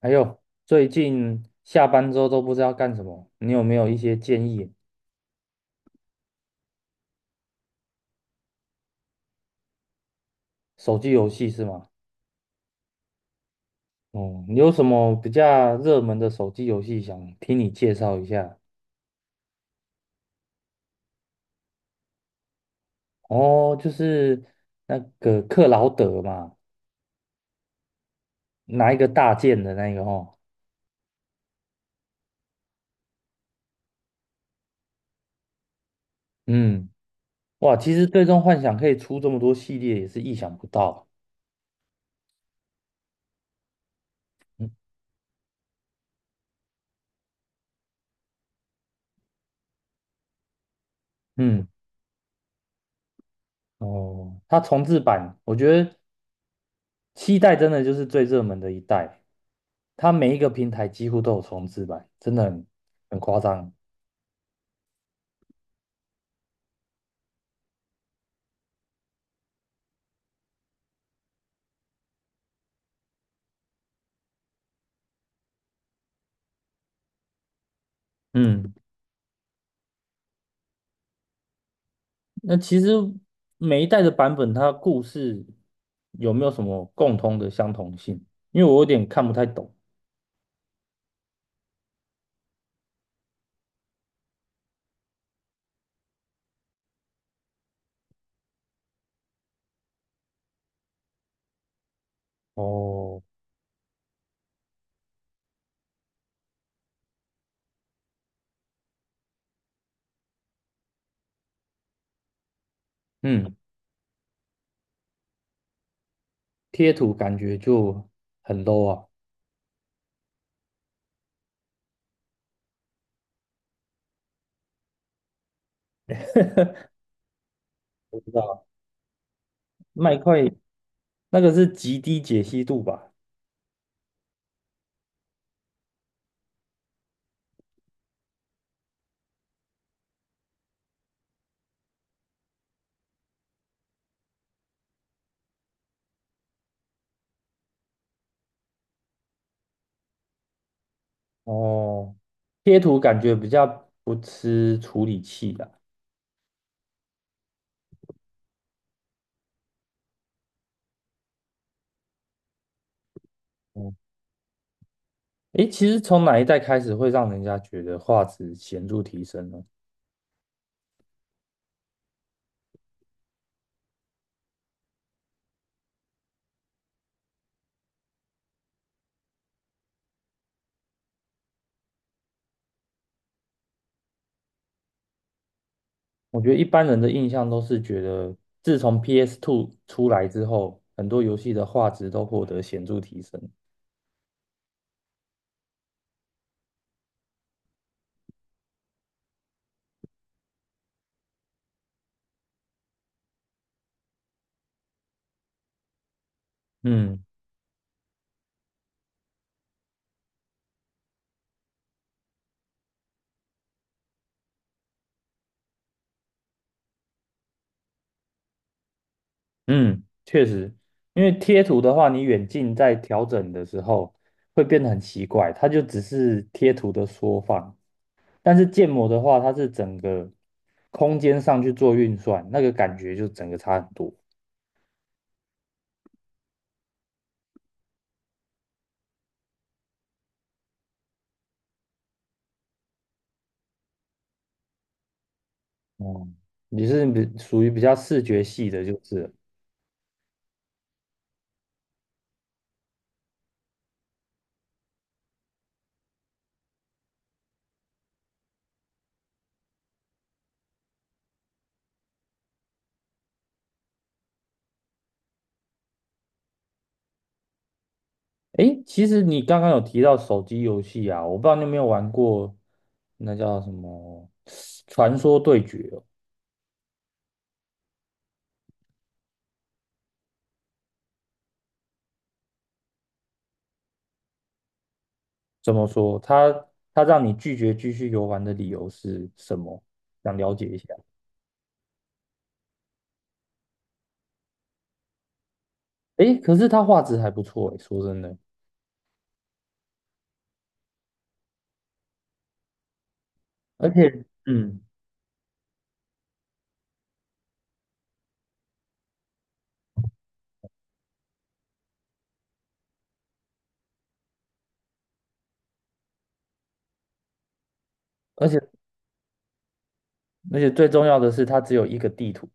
还有最近下班之后都不知道干什么，你有没有一些建议？手机游戏是吗？哦，你有什么比较热门的手机游戏想听你介绍一下？哦，就是那个克劳德嘛，拿一个大剑的那个哦。嗯，哇，其实《最终幻想》可以出这么多系列，也是意想不到。嗯嗯，哦，它重置版，我觉得七代真的就是最热门的一代，它每一个平台几乎都有重置版，真的很夸张。嗯，那其实每一代的版本，它故事有没有什么共通的相同性？因为我有点看不太懂。哦，嗯，贴图感觉就很 low 啊，我不知道，麦块那个是极低解析度吧？哦，贴图感觉比较不吃处理器的啦。哦，诶，其实从哪一代开始会让人家觉得画质显著提升呢？我觉得一般人的印象都是觉得，自从 PS2 出来之后，很多游戏的画质都获得显著提升。嗯嗯，确实，因为贴图的话，你远近在调整的时候会变得很奇怪，它就只是贴图的缩放。但是建模的话，它是整个空间上去做运算，那个感觉就整个差很多。哦，你是比属于比较视觉系的，就是了。诶，其实你刚刚有提到手机游戏啊，我不知道你有没有玩过，那叫什么《传说对决》哦？怎么说？它让你拒绝继续游玩的理由是什么？想了解一下。诶，可是它画质还不错诶，说真的，而且 嗯，而且而且最重要的是，它只有一个地图。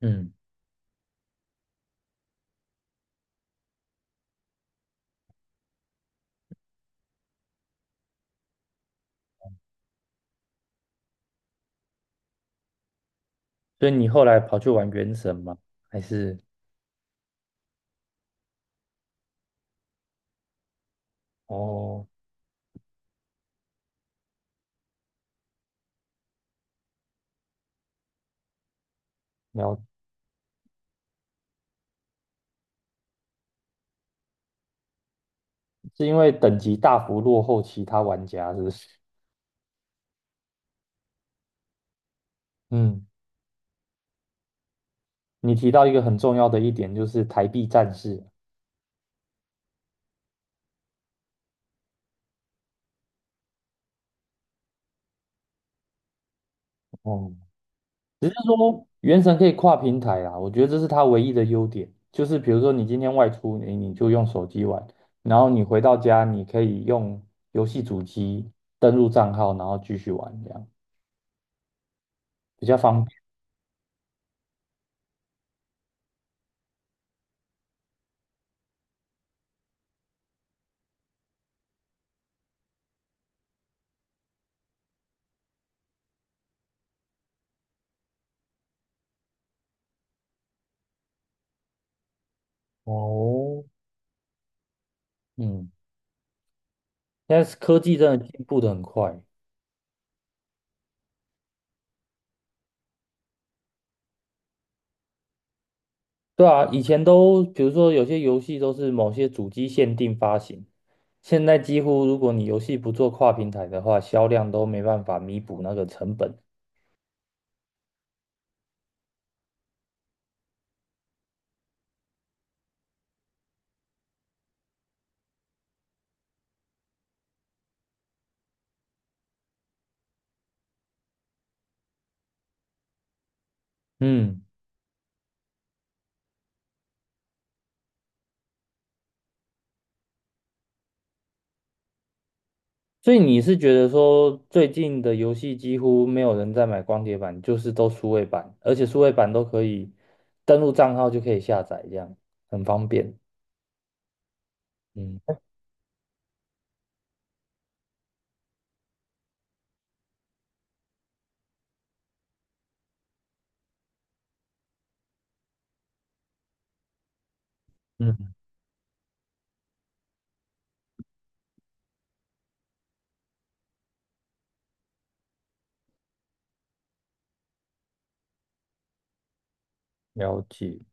嗯，所以你后来跑去玩《原神》吗？还是？哦。了。是因为等级大幅落后其他玩家，是不是？嗯，你提到一个很重要的一点，就是台币战士。哦，只是说原神可以跨平台啊，我觉得这是它唯一的优点。就是比如说你今天外出，你就用手机玩，然后你回到家，你可以用游戏主机登录账号，然后继续玩，这样比较方便。哦，嗯，现在科技真的进步的很快。对啊，以前都比如说有些游戏都是某些主机限定发行，现在几乎如果你游戏不做跨平台的话，销量都没办法弥补那个成本。嗯，所以你是觉得说最近的游戏几乎没有人在买光碟版，就是都数位版，而且数位版都可以登录账号就可以下载，这样很方便。嗯嗯，了解。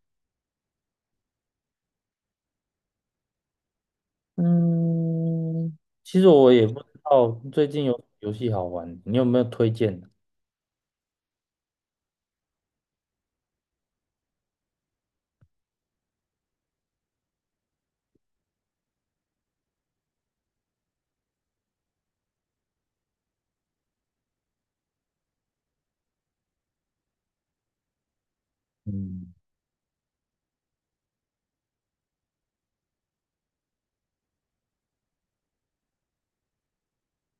嗯，其实我也不知道最近有游戏好玩，你有没有推荐的？嗯，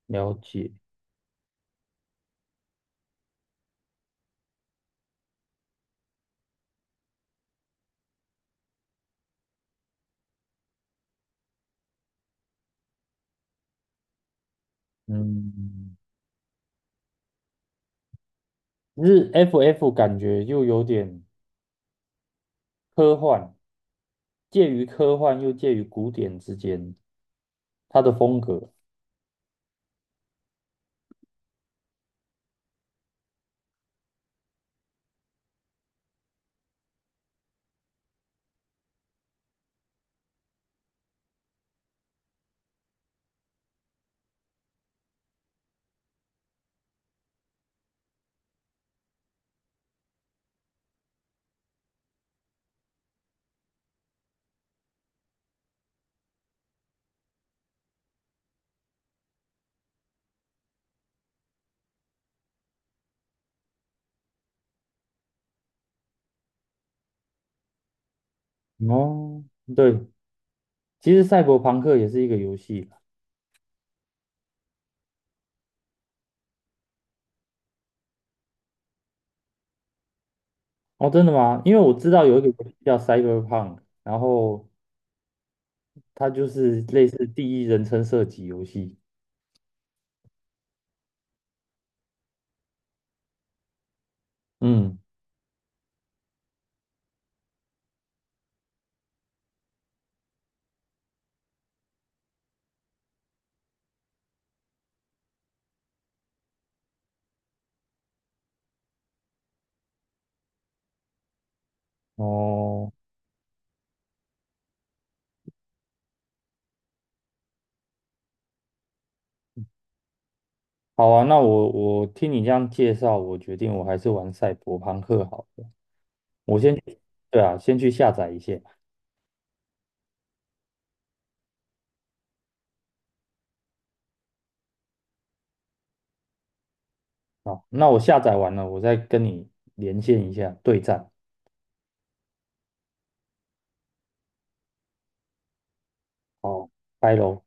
了解。嗯，日 FF 感觉又有点科幻，介于科幻又介于古典之间，它的风格。哦，对，其实赛博朋克也是一个游戏。哦，真的吗？因为我知道有一个游戏叫 Cyberpunk，然后它就是类似第一人称射击游戏。嗯，哦，好啊，那我听你这样介绍，我决定我还是玩赛博朋克好了。我先，对啊，先去下载一下。好，那我下载完了，我再跟你连线一下对战。好，拜喽。